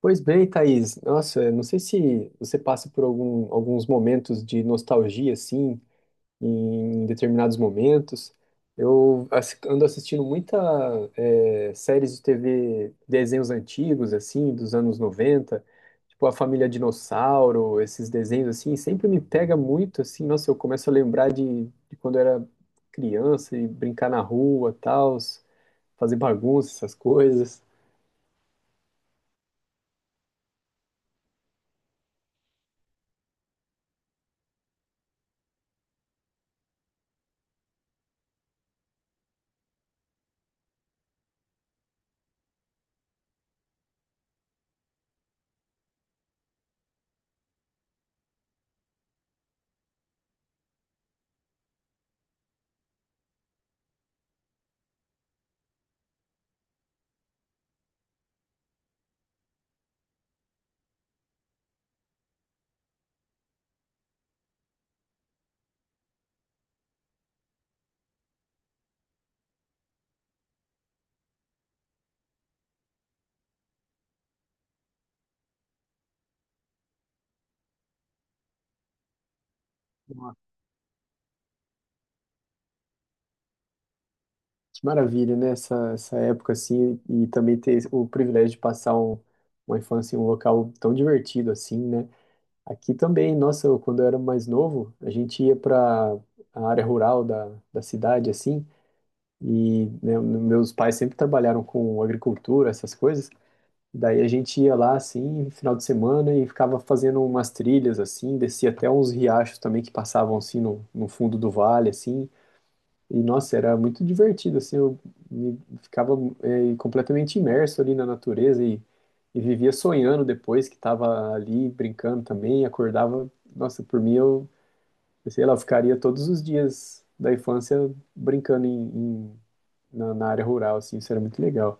Pois bem, Thaís. Nossa, eu não sei se você passa por alguns momentos de nostalgia, assim, em determinados momentos. Ando assistindo muita séries de TV, desenhos antigos, assim, dos anos 90, tipo A Família Dinossauro, esses desenhos, assim, sempre me pega muito, assim, nossa, eu começo a lembrar de quando eu era criança e brincar na rua, tals, fazer bagunça, essas coisas. Maravilha, né? Essa época assim, e também ter o privilégio de passar uma infância em um local tão divertido assim, né? Aqui também, nossa, eu, quando eu era mais novo, a gente ia para a área rural da cidade, assim, e né, meus pais sempre trabalharam com agricultura, essas coisas, daí a gente ia lá, assim, final de semana e ficava fazendo umas trilhas, assim, descia até uns riachos também que passavam, assim, no fundo do vale, assim, e, nossa, era muito divertido, assim, ficava completamente imerso ali na natureza e vivia sonhando depois que estava ali brincando também, acordava, nossa, por mim eu, sei lá, eu ficaria todos os dias da infância brincando em- na área rural, assim, isso era muito legal.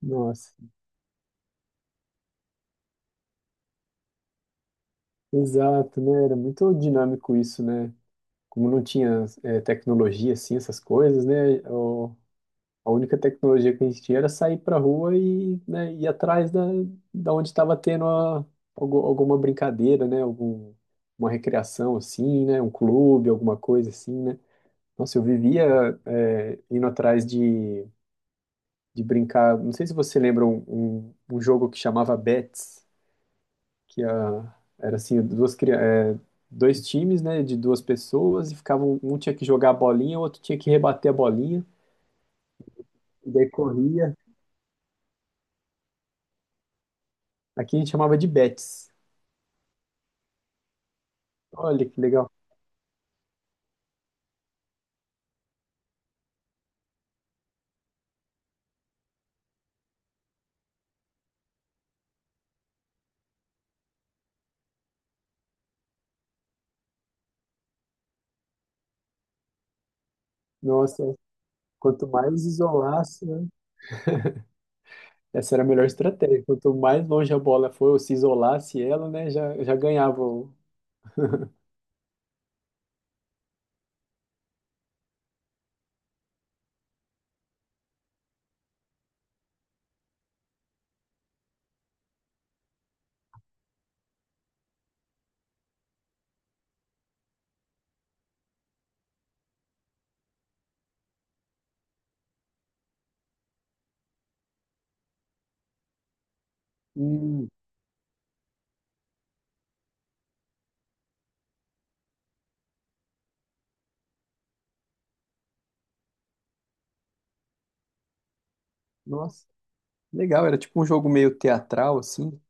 Nossa, exato, né, era muito dinâmico isso, né, como não tinha tecnologia, assim, essas coisas, né, o- A única tecnologia que a gente tinha era sair para rua e, né, ir atrás da onde estava tendo alguma brincadeira, né? Algum, uma recreação assim, né? Um clube, alguma coisa assim, né? Nossa, eu vivia indo atrás de brincar. Não sei se você lembra um jogo que chamava Bets, que a, era assim, dois times, né? De duas pessoas e ficavam, um tinha que jogar a bolinha, o outro tinha que rebater a bolinha. E daí corria. Aqui a gente chamava de Bets. Olha que legal. Nossa, quanto mais isolasse, né? Essa era a melhor estratégia. Quanto mais longe a bola foi, ou se isolasse ela, né? Já, já ganhava. O- Hum, nossa, legal. Era tipo um jogo meio teatral, assim.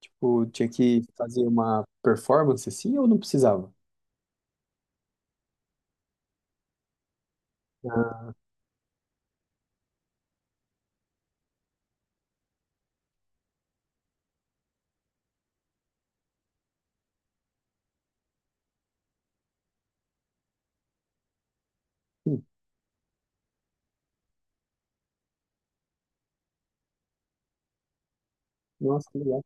Tipo, tinha que fazer uma performance assim ou não precisava? Hum, nossa, que legal.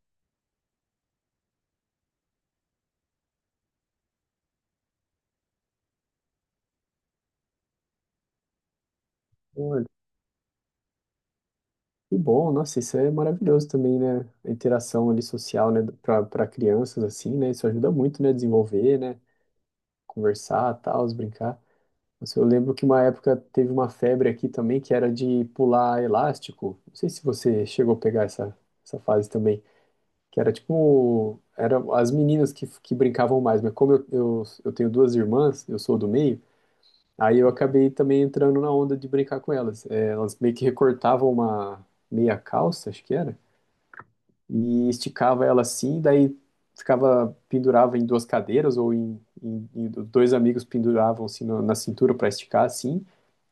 Olha, que bom, nossa, isso é maravilhoso também, né? A interação ali social, né? Pra crianças, assim, né? Isso ajuda muito, né? Desenvolver, né? Conversar, tal, brincar. Nossa, eu lembro que uma época teve uma febre aqui também, que era de pular elástico. Não sei se você chegou a pegar essa fase também. Que era tipo. Eram as meninas que brincavam mais, mas como eu tenho duas irmãs, eu sou do meio, aí eu acabei também entrando na onda de brincar com elas. É, elas meio que recortavam uma meia calça, acho que era, e esticava ela assim, daí ficava, pendurava em duas cadeiras, ou dois amigos penduravam assim na cintura para esticar assim.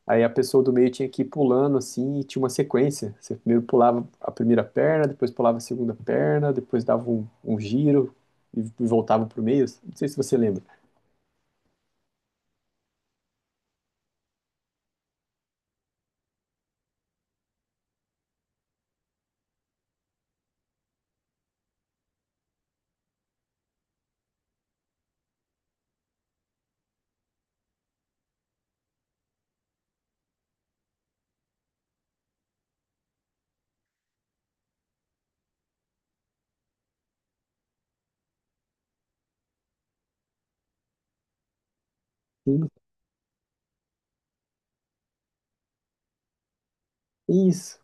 Aí a pessoa do meio tinha que ir pulando assim, e tinha uma sequência. Você primeiro pulava a primeira perna, depois pulava a segunda perna, depois dava um giro e voltava pro meio. Não sei se você lembra. Sim. Isso,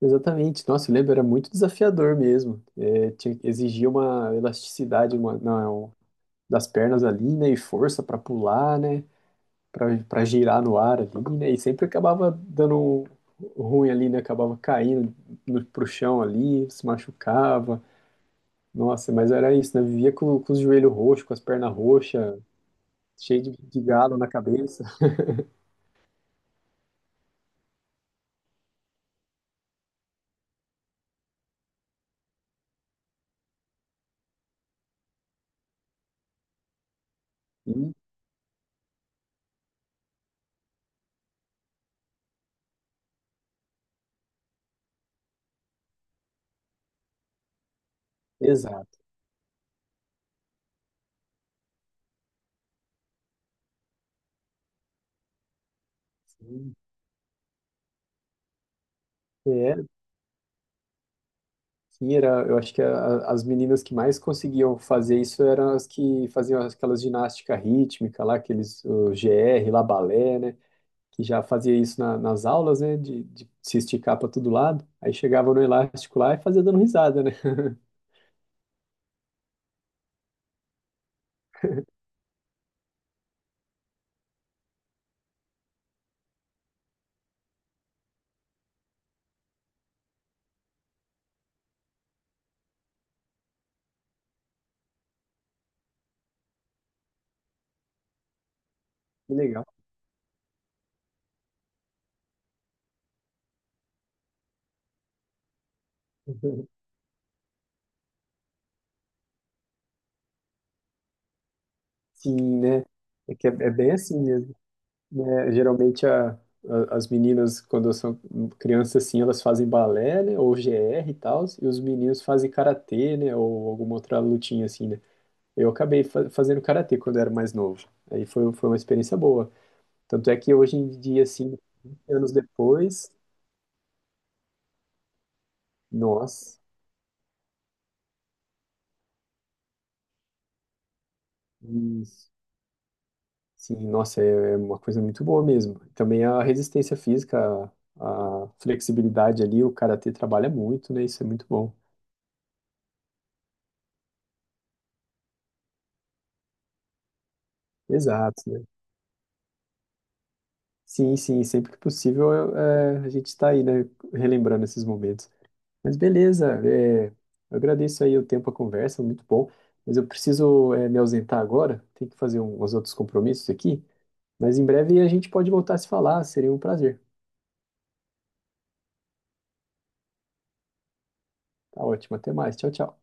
exatamente. Nossa, eu lembro, era muito desafiador mesmo. É, tinha, exigia uma elasticidade uma, não, é um, das pernas ali, né? E força para pular, né? Pra girar no ar ali, né? E sempre acabava dando um ruim ali, né? Acabava caindo no, pro chão ali, se machucava. Nossa, mas era isso, né? Vivia com os joelhos roxos, com as pernas roxas, cheio de galo na cabeça. Sim, exato. Sim. É, sim, era, eu acho que a- as meninas que mais conseguiam fazer isso eram as que faziam aquelas ginástica rítmica lá, aqueles o GR, lá balé, né? Que já fazia isso na- nas aulas, né? De se esticar para todo lado. Aí chegava no elástico lá e fazia dando risada, né? Que legal. Sim, né? É que é bem assim mesmo. Né, geralmente as meninas, quando são crianças assim, elas fazem balé, né, ou GR e tal, e os meninos fazem karatê, né, ou alguma outra lutinha assim, né. Eu acabei fazendo karatê quando eu era mais novo. Aí foi uma experiência boa. Tanto é que hoje em dia, assim, 20 anos depois, nossa, isso, sim, nossa, é uma coisa muito boa mesmo. Também a resistência física, a flexibilidade ali, o karatê trabalha muito, né, isso é muito bom. Exato, né. Sim, sim, sempre que possível a gente está aí, né, relembrando esses momentos. Mas beleza, eu agradeço aí o tempo, a conversa, muito bom. Mas eu preciso me ausentar agora, tenho que fazer uns outros compromissos aqui. Mas em breve a gente pode voltar a se falar, seria um prazer. Tá ótimo, até mais, tchau, tchau.